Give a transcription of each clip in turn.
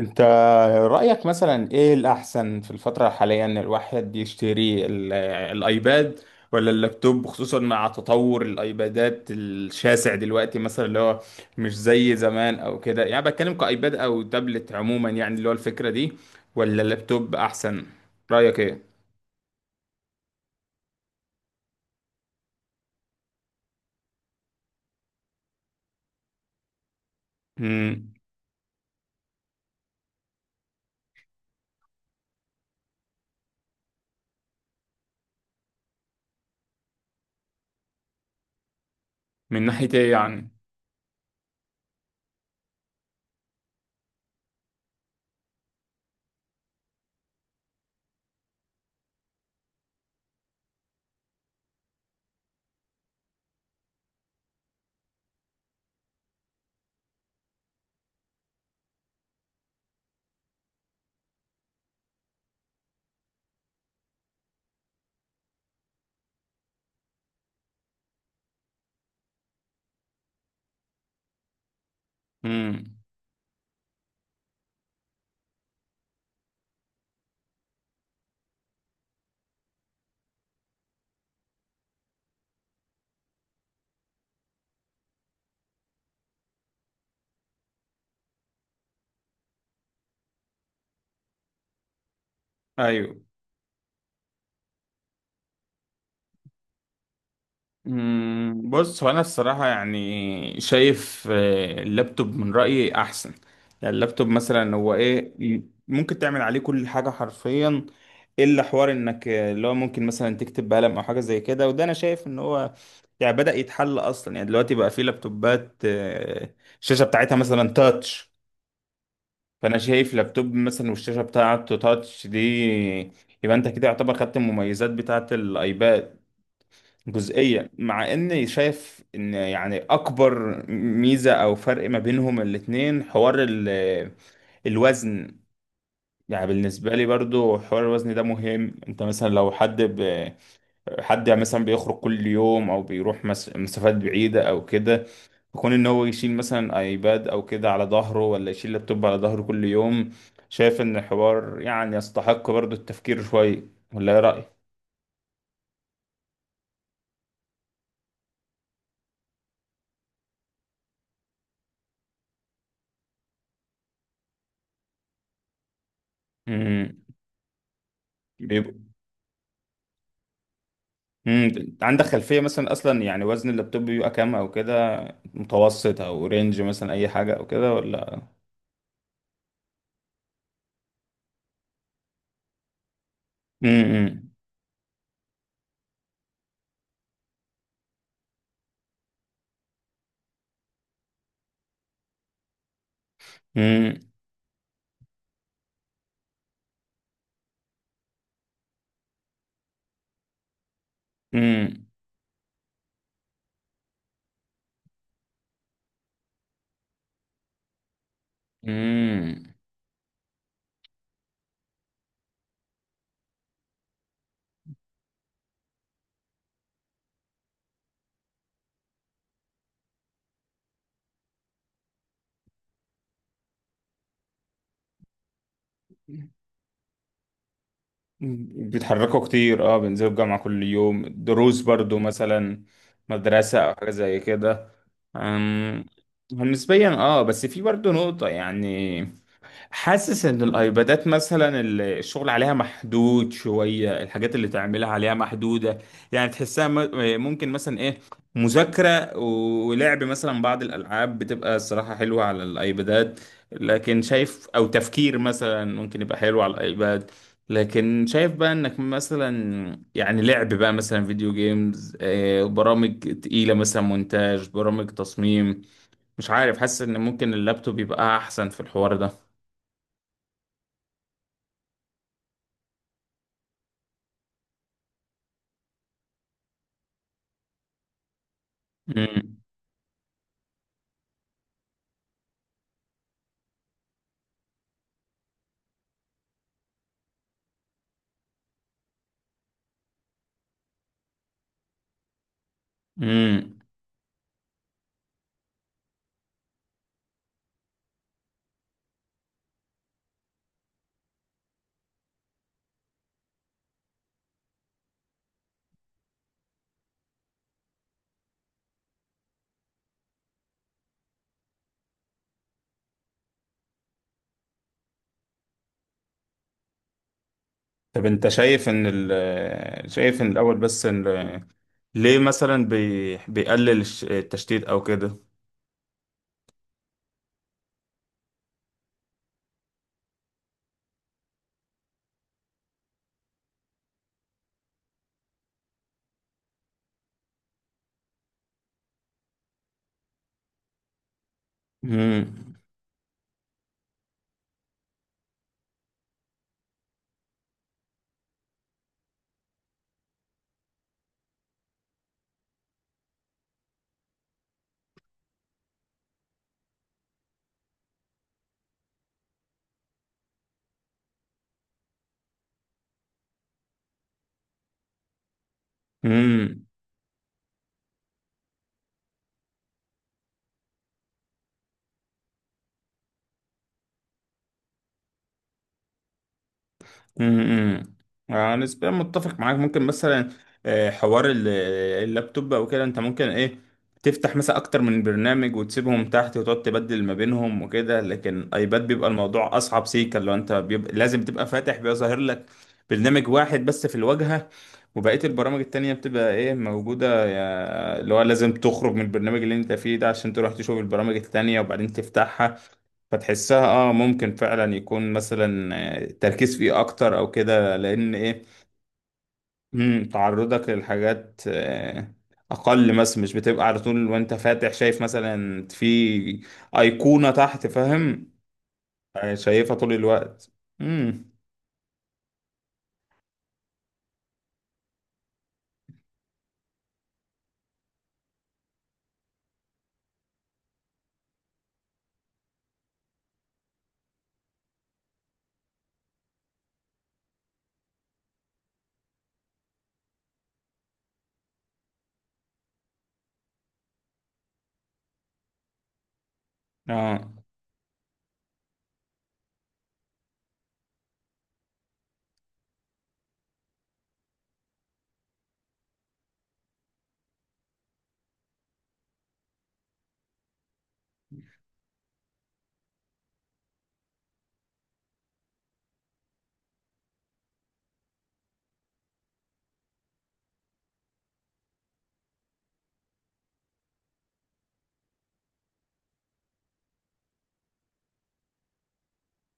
انت رأيك مثلا ايه الأحسن في الفترة الحالية ان الواحد يشتري الايباد ولا اللابتوب، خصوصا مع تطور الايبادات الشاسع دلوقتي. مثلا اللي هو مش زي زمان او كده، يعني بتكلم كايباد او تابلت عموما، يعني اللي هو الفكرة دي ولا اللابتوب احسن؟ رأيك ايه؟ مم. من ناحية ايه يعني؟ مم. ايوه. مم، بص، هو انا الصراحه يعني شايف اللابتوب من رايي احسن. يعني اللابتوب مثلا هو ايه ممكن تعمل عليه كل حاجه حرفيا، الا حوار انك اللي هو ممكن مثلا تكتب بقلم او حاجه زي كده. وده انا شايف ان هو يعني بدأ يتحل اصلا. يعني دلوقتي بقى في لابتوبات الشاشه بتاعتها مثلا تاتش. فانا شايف لابتوب مثلا والشاشه بتاعته تاتش دي، يبقى انت كده يعتبر خدت المميزات بتاعت الايباد جزئية، مع اني شايف ان يعني اكبر ميزة او فرق ما بينهم الاتنين حوار الوزن. يعني بالنسبة لي برضو حوار الوزن ده مهم. انت مثلا لو حد حد يعني مثلا بيخرج كل يوم او بيروح مسافات بعيدة او كده، يكون ان هو يشيل مثلا ايباد او كده على ظهره ولا يشيل لابتوب على ظهره كل يوم. شايف ان الحوار يعني يستحق برضو التفكير شوية، ولا ايه رأيك؟ امم. امم، عندك خلفية مثلا أصلا يعني وزن اللابتوب بيبقى كام أو كده؟ متوسط أو رينج مثلا أي حاجة أو كده، ولا؟ امم. امم. امم. امم، بيتحركوا كتير. اه، بينزلوا الجامعة كل يوم، دروس برضو مثلا، مدرسة أو حاجة زي كده. أمم، نسبيا اه. بس في برضو نقطة، يعني حاسس ان الايبادات مثلا الشغل عليها محدود شوية، الحاجات اللي تعملها عليها محدودة، يعني تحسها ممكن مثلا ايه، مذاكرة ولعب مثلا بعض الالعاب بتبقى الصراحة حلوة على الايبادات، لكن شايف او تفكير مثلا ممكن يبقى حلو على الايباد. لكن شايف بقى انك مثلا يعني لعب بقى مثلا فيديو جيمز، برامج تقيلة مثلا مونتاج، برامج تصميم، مش عارف، حاسس ان ممكن اللابتوب يبقى احسن في الحوار ده. امم. امم. طب انت شايف ان الاول بس ان ليه مثلا بيقلل التشتيت او كده؟ امم. امم. آه، نسبيا متفق معاك. ممكن مثلا حوار اللابتوب او كده، انت ممكن ايه تفتح مثلا اكتر من برنامج وتسيبهم تحت وتقعد تبدل ما بينهم وكده، لكن ايباد بيبقى الموضوع اصعب. سيكا لو انت بيبقى لازم تبقى فاتح، بيبقى ظاهر لك برنامج واحد بس في الواجهة، وبقية البرامج التانية بتبقى ايه، موجودة اللي هو لازم تخرج من البرنامج اللي انت فيه ده عشان تروح تشوف البرامج التانية وبعدين تفتحها. فتحسها اه، ممكن فعلا يكون مثلا التركيز فيه اكتر او كده، لان ايه، مم، تعرضك للحاجات اقل مثلا، مش بتبقى على طول وانت فاتح شايف مثلا في ايقونة تحت، فاهم؟ شايفها طول الوقت. امم. اه،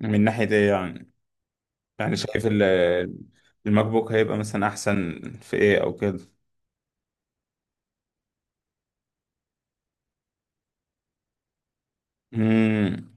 من ناحية ايه يعني؟ يعني شايف الماك بوك هيبقى مثلا احسن في ايه او كده؟ امم.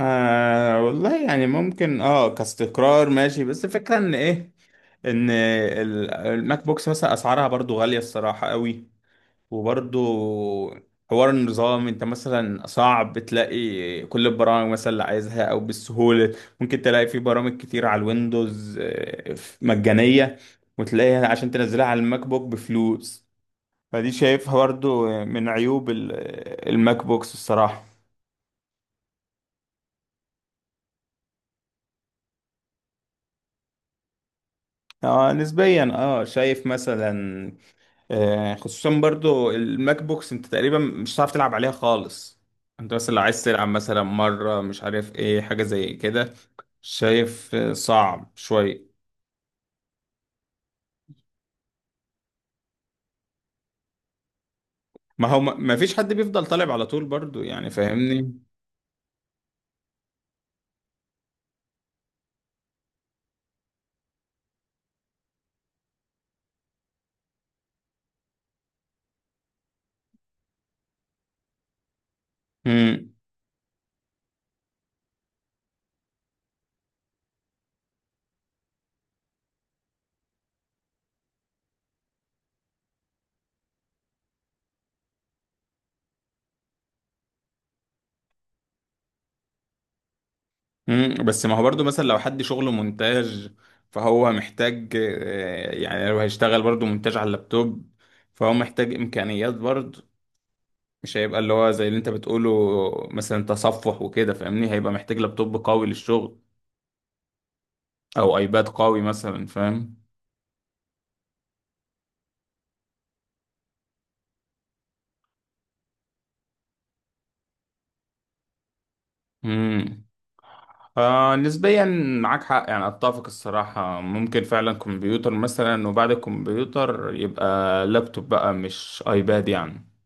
آه، والله يعني ممكن اه، كاستقرار ماشي، بس الفكرة ان ايه، ان الماك بوكس مثلا اسعارها برضو غالية الصراحة قوي، وبرضو حوار النظام، انت مثلا صعب تلاقي كل البرامج مثلا اللي عايزها او بالسهولة. ممكن تلاقي في برامج كتير على الويندوز مجانية، وتلاقيها عشان تنزلها على الماك بوك بفلوس. فدي شايفها برضو من عيوب الماك بوكس الصراحة. اه، نسبيا اه، شايف مثلا آه، خصوصا برضو الماك بوكس انت تقريبا مش هتعرف تلعب عليها خالص. انت مثلا لو عايز تلعب مثلا مرة، مش عارف ايه، حاجة زي كده، شايف صعب شوية. ما هو ما فيش حد بيفضل طالب على طول برضو، يعني فاهمني. امم. امم، بس ما هو برضو مثلا لو حد شغله مونتاج، فهو محتاج يعني لو هيشتغل برضو مونتاج على اللابتوب، فهو محتاج امكانيات برضو، مش هيبقى اللي هو زي اللي انت بتقوله، مثلا تصفح وكده فاهمني. هيبقى محتاج لابتوب قوي للشغل، او ايباد قوي مثلا، فاهم؟ امم. آه، نسبيا معاك حق. يعني اتفق الصراحة، ممكن فعلا كمبيوتر مثلا، وبعد الكمبيوتر يبقى لابتوب بقى، مش ايباد يعني.